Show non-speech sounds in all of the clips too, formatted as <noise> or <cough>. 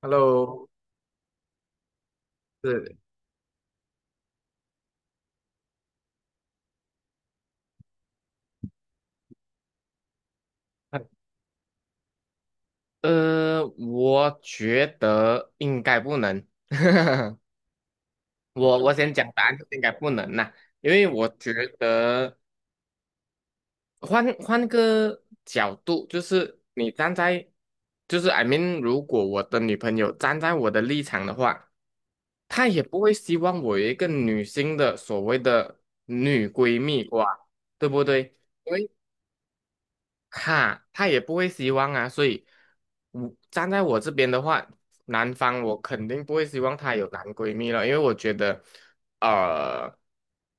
Hello，是，我觉得应该不能。<laughs> 我先讲答案，应该不能呐、因为我觉得换个角度，就是你站在，就是 I mean，如果我的女朋友站在我的立场的话，她也不会希望我有一个女性的所谓的女闺蜜哇，对不对？哈，他也不会希望啊，所以我站在我这边的话，男方我肯定不会希望她有男闺蜜了，因为我觉得，呃，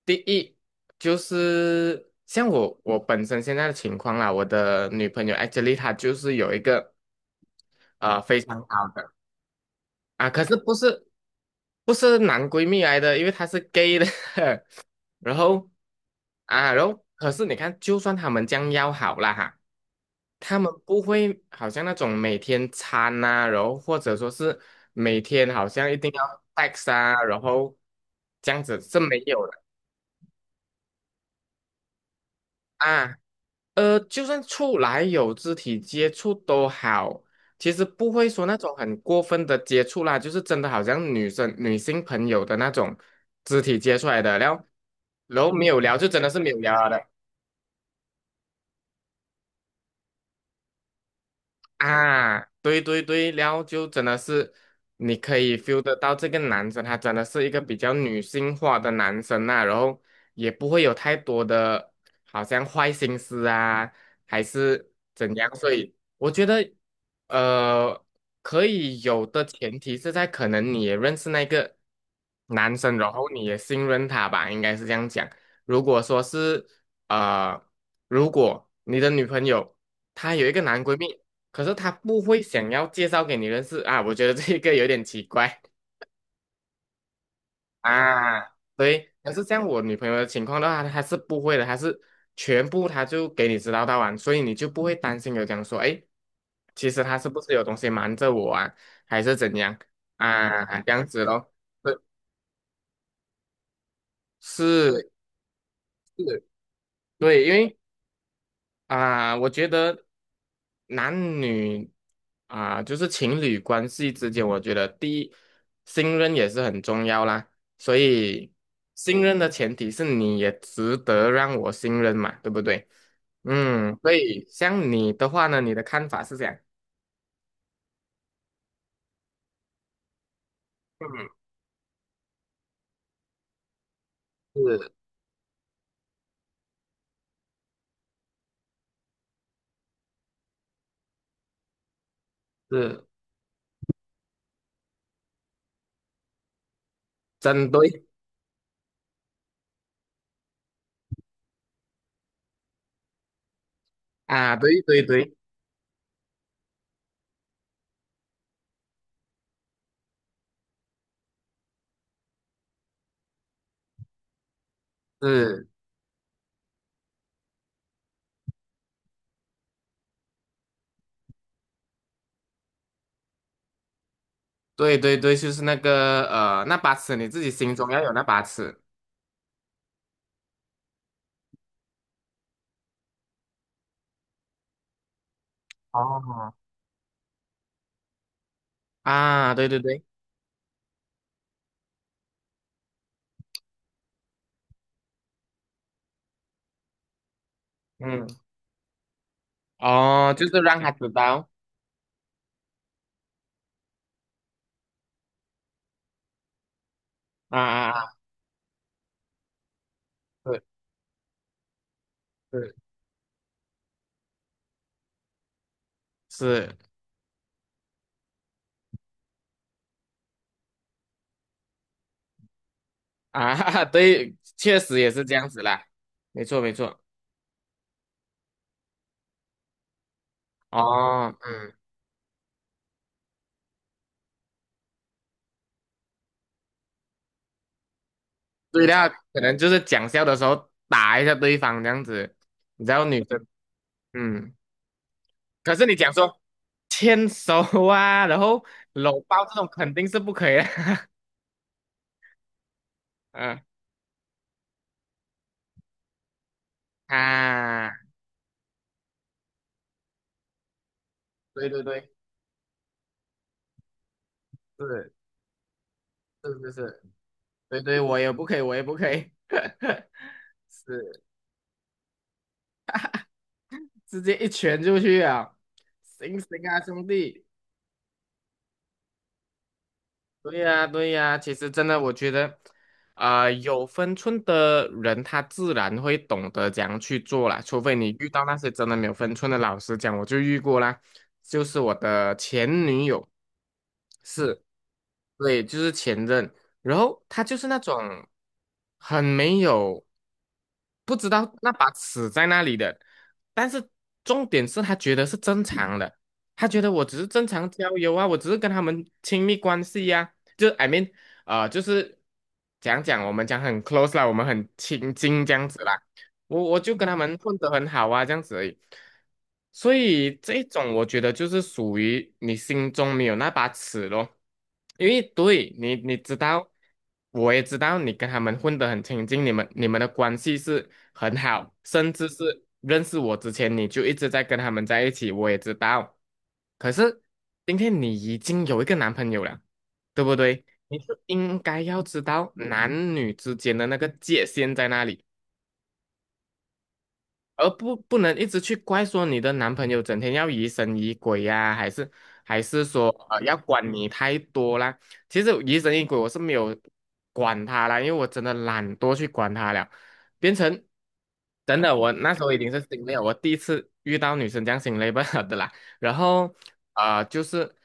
第一就是像我本身现在的情况啊，我的女朋友 actually 她就是有一个非常好的啊，可是不是不是男闺蜜来的，因为她是 gay 的，<laughs> 然后然后可是你看，就算他们将要好了哈。他们不会好像那种每天餐呐、然后或者说是每天好像一定要 tax 啊，然后这样子是没有的啊。就算出来有肢体接触都好，其实不会说那种很过分的接触啦，就是真的好像女生女性朋友的那种肢体接触来的，然后没有聊就真的是没有聊了的。啊，对对对，然后就真的是你可以 feel 得到这个男生，他真的是一个比较女性化的男生呐、然后也不会有太多的好像坏心思啊，还是怎样，所以我觉得呃可以有的前提是在可能你也认识那个男生，然后你也信任他吧，应该是这样讲。如果说是呃，如果你的女朋友她有一个男闺蜜。可是他不会想要介绍给你认识啊，我觉得这个有点奇怪。啊，对，可是像我女朋友的情况的话，她是不会的，她是全部她就给你知道到完，所以你就不会担心有讲说，哎，其实他是不是有东西瞒着我啊，还是怎样啊，这样子咯，是是是，对，因为啊，我觉得男女啊，就是情侣关系之间，我觉得第一，信任也是很重要啦。所以，信任的前提是你也值得让我信任嘛，对不对？嗯，所以像你的话呢，你的看法是这样。嗯，是是，真对啊，对对对，是，对对对，就是那个那把尺，你自己心中要有那把尺。哦，啊，对对对，嗯。哦，就是让他知道啊啊啊，是是是啊，<laughs> 对，确实也是这样子啦，没错没错，哦，嗯，对啦，可能就是讲笑的时候打一下对方这样子，你知道女生，嗯，可是你讲说牵手啊，然后搂抱这种肯定是不可以的，<laughs> 嗯啊，对对对，是是是是，对对，我也不可以，我也不可以，<laughs> 是。直接一拳就去啊！行行啊，兄弟！对呀，对呀，其实真的，我觉得，啊、有分寸的人，他自然会懂得怎样去做啦。除非你遇到那些真的没有分寸的老师讲，我就遇过啦，就是我的前女友，是，对，就是前任，然后他就是那种很没有，不知道那把尺在那里的，但是重点是他觉得是正常的，他觉得我只是正常交友啊，我只是跟他们亲密关系呀、就 I mean，就是讲我们讲很 close 啦，我们很亲近这样子啦。我就跟他们混得很好啊，这样子而已。所以这一种我觉得就是属于你心中没有那把尺咯，因为对你知道，我也知道你跟他们混得很亲近，你们的关系是很好，甚至是认识我之前你就一直在跟他们在一起，我也知道。可是今天你已经有一个男朋友了。对不对？你是应该要知道男女之间的那个界限在哪里，而不能一直去怪说你的男朋友整天要疑神疑鬼呀、还是还是说要管你太多啦。其实疑神疑鬼我是没有管他啦，因为我真的懒惰去管他了，变成等等，我那时候已经是心累了，我第一次遇到女生这样心累不好的啦。然后就是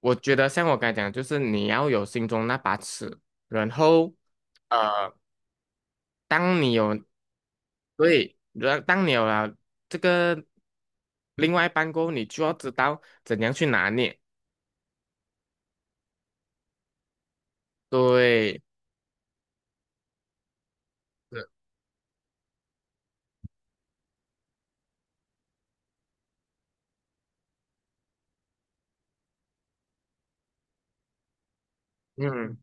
我觉得像我刚才讲的就是你要有心中那把尺，然后呃。当你有所以，然当你有了这个另外一半过后，你就要知道怎样去拿捏。对，是嗯，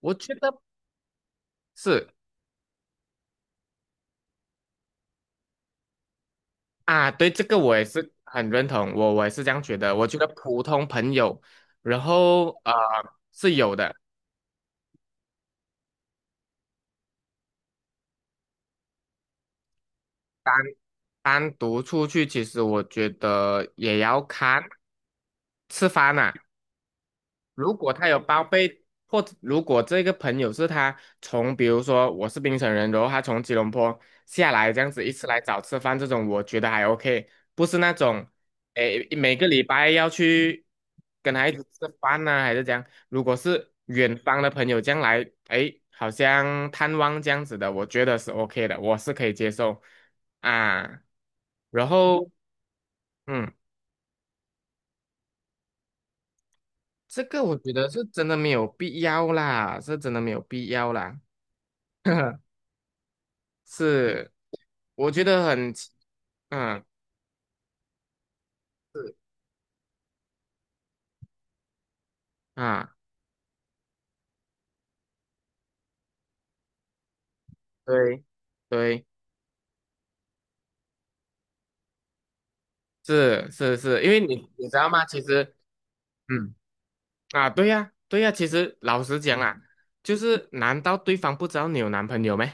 我觉得是啊，对，这个我也是很认同，我也是这样觉得。我觉得普通朋友，然后是有的，单单独出去，其实我觉得也要看吃饭呐、如果他有包被，或者如果这个朋友是他从，比如说我是槟城人，然后他从吉隆坡下来这样子一次来找吃饭，这种我觉得还 OK，不是那种，诶，每个礼拜要去跟他一起吃饭呐、还是这样。如果是远方的朋友将来，诶，好像探望这样子的，我觉得是 OK 的，我是可以接受啊。然后，嗯。这个我觉得是真的没有必要啦，是真的没有必要啦。<laughs> 是，我觉得很奇嗯啊，对对，是是是，因为你知道吗？其实，嗯啊，对呀对呀，其实老实讲啊，就是难道对方不知道你有男朋友吗？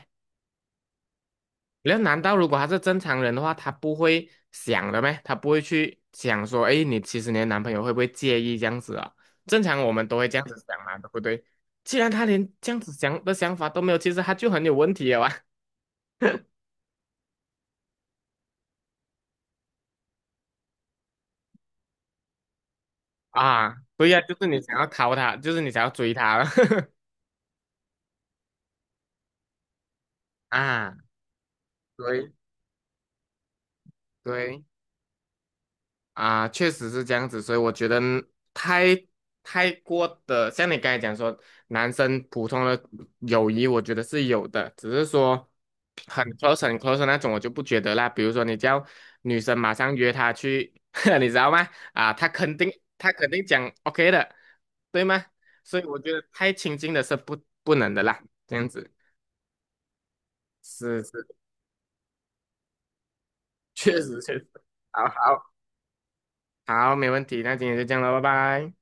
然后难道如果他是正常人的话，他不会想的咩？他不会去想说，哎，你其实你的男朋友会不会介意这样子啊？正常我们都会这样子想嘛，对不对？既然他连这样子想的想法都没有，其实他就很有问题了啊！<laughs> 啊，对呀、就是你想要逃他，就是你想要追他了 <laughs> 啊，对对。啊，确实是这样子，所以我觉得太太过的，像你刚才讲说，男生普通的友谊，我觉得是有的，只是说很 close 很 close 的那种，我就不觉得啦。比如说你叫女生马上约他去，<laughs> 你知道吗？啊，他肯定讲 OK 的，对吗？所以我觉得太亲近的是不能的啦，这样子是是，确实确实，好好好，没问题，那今天就这样了，拜拜。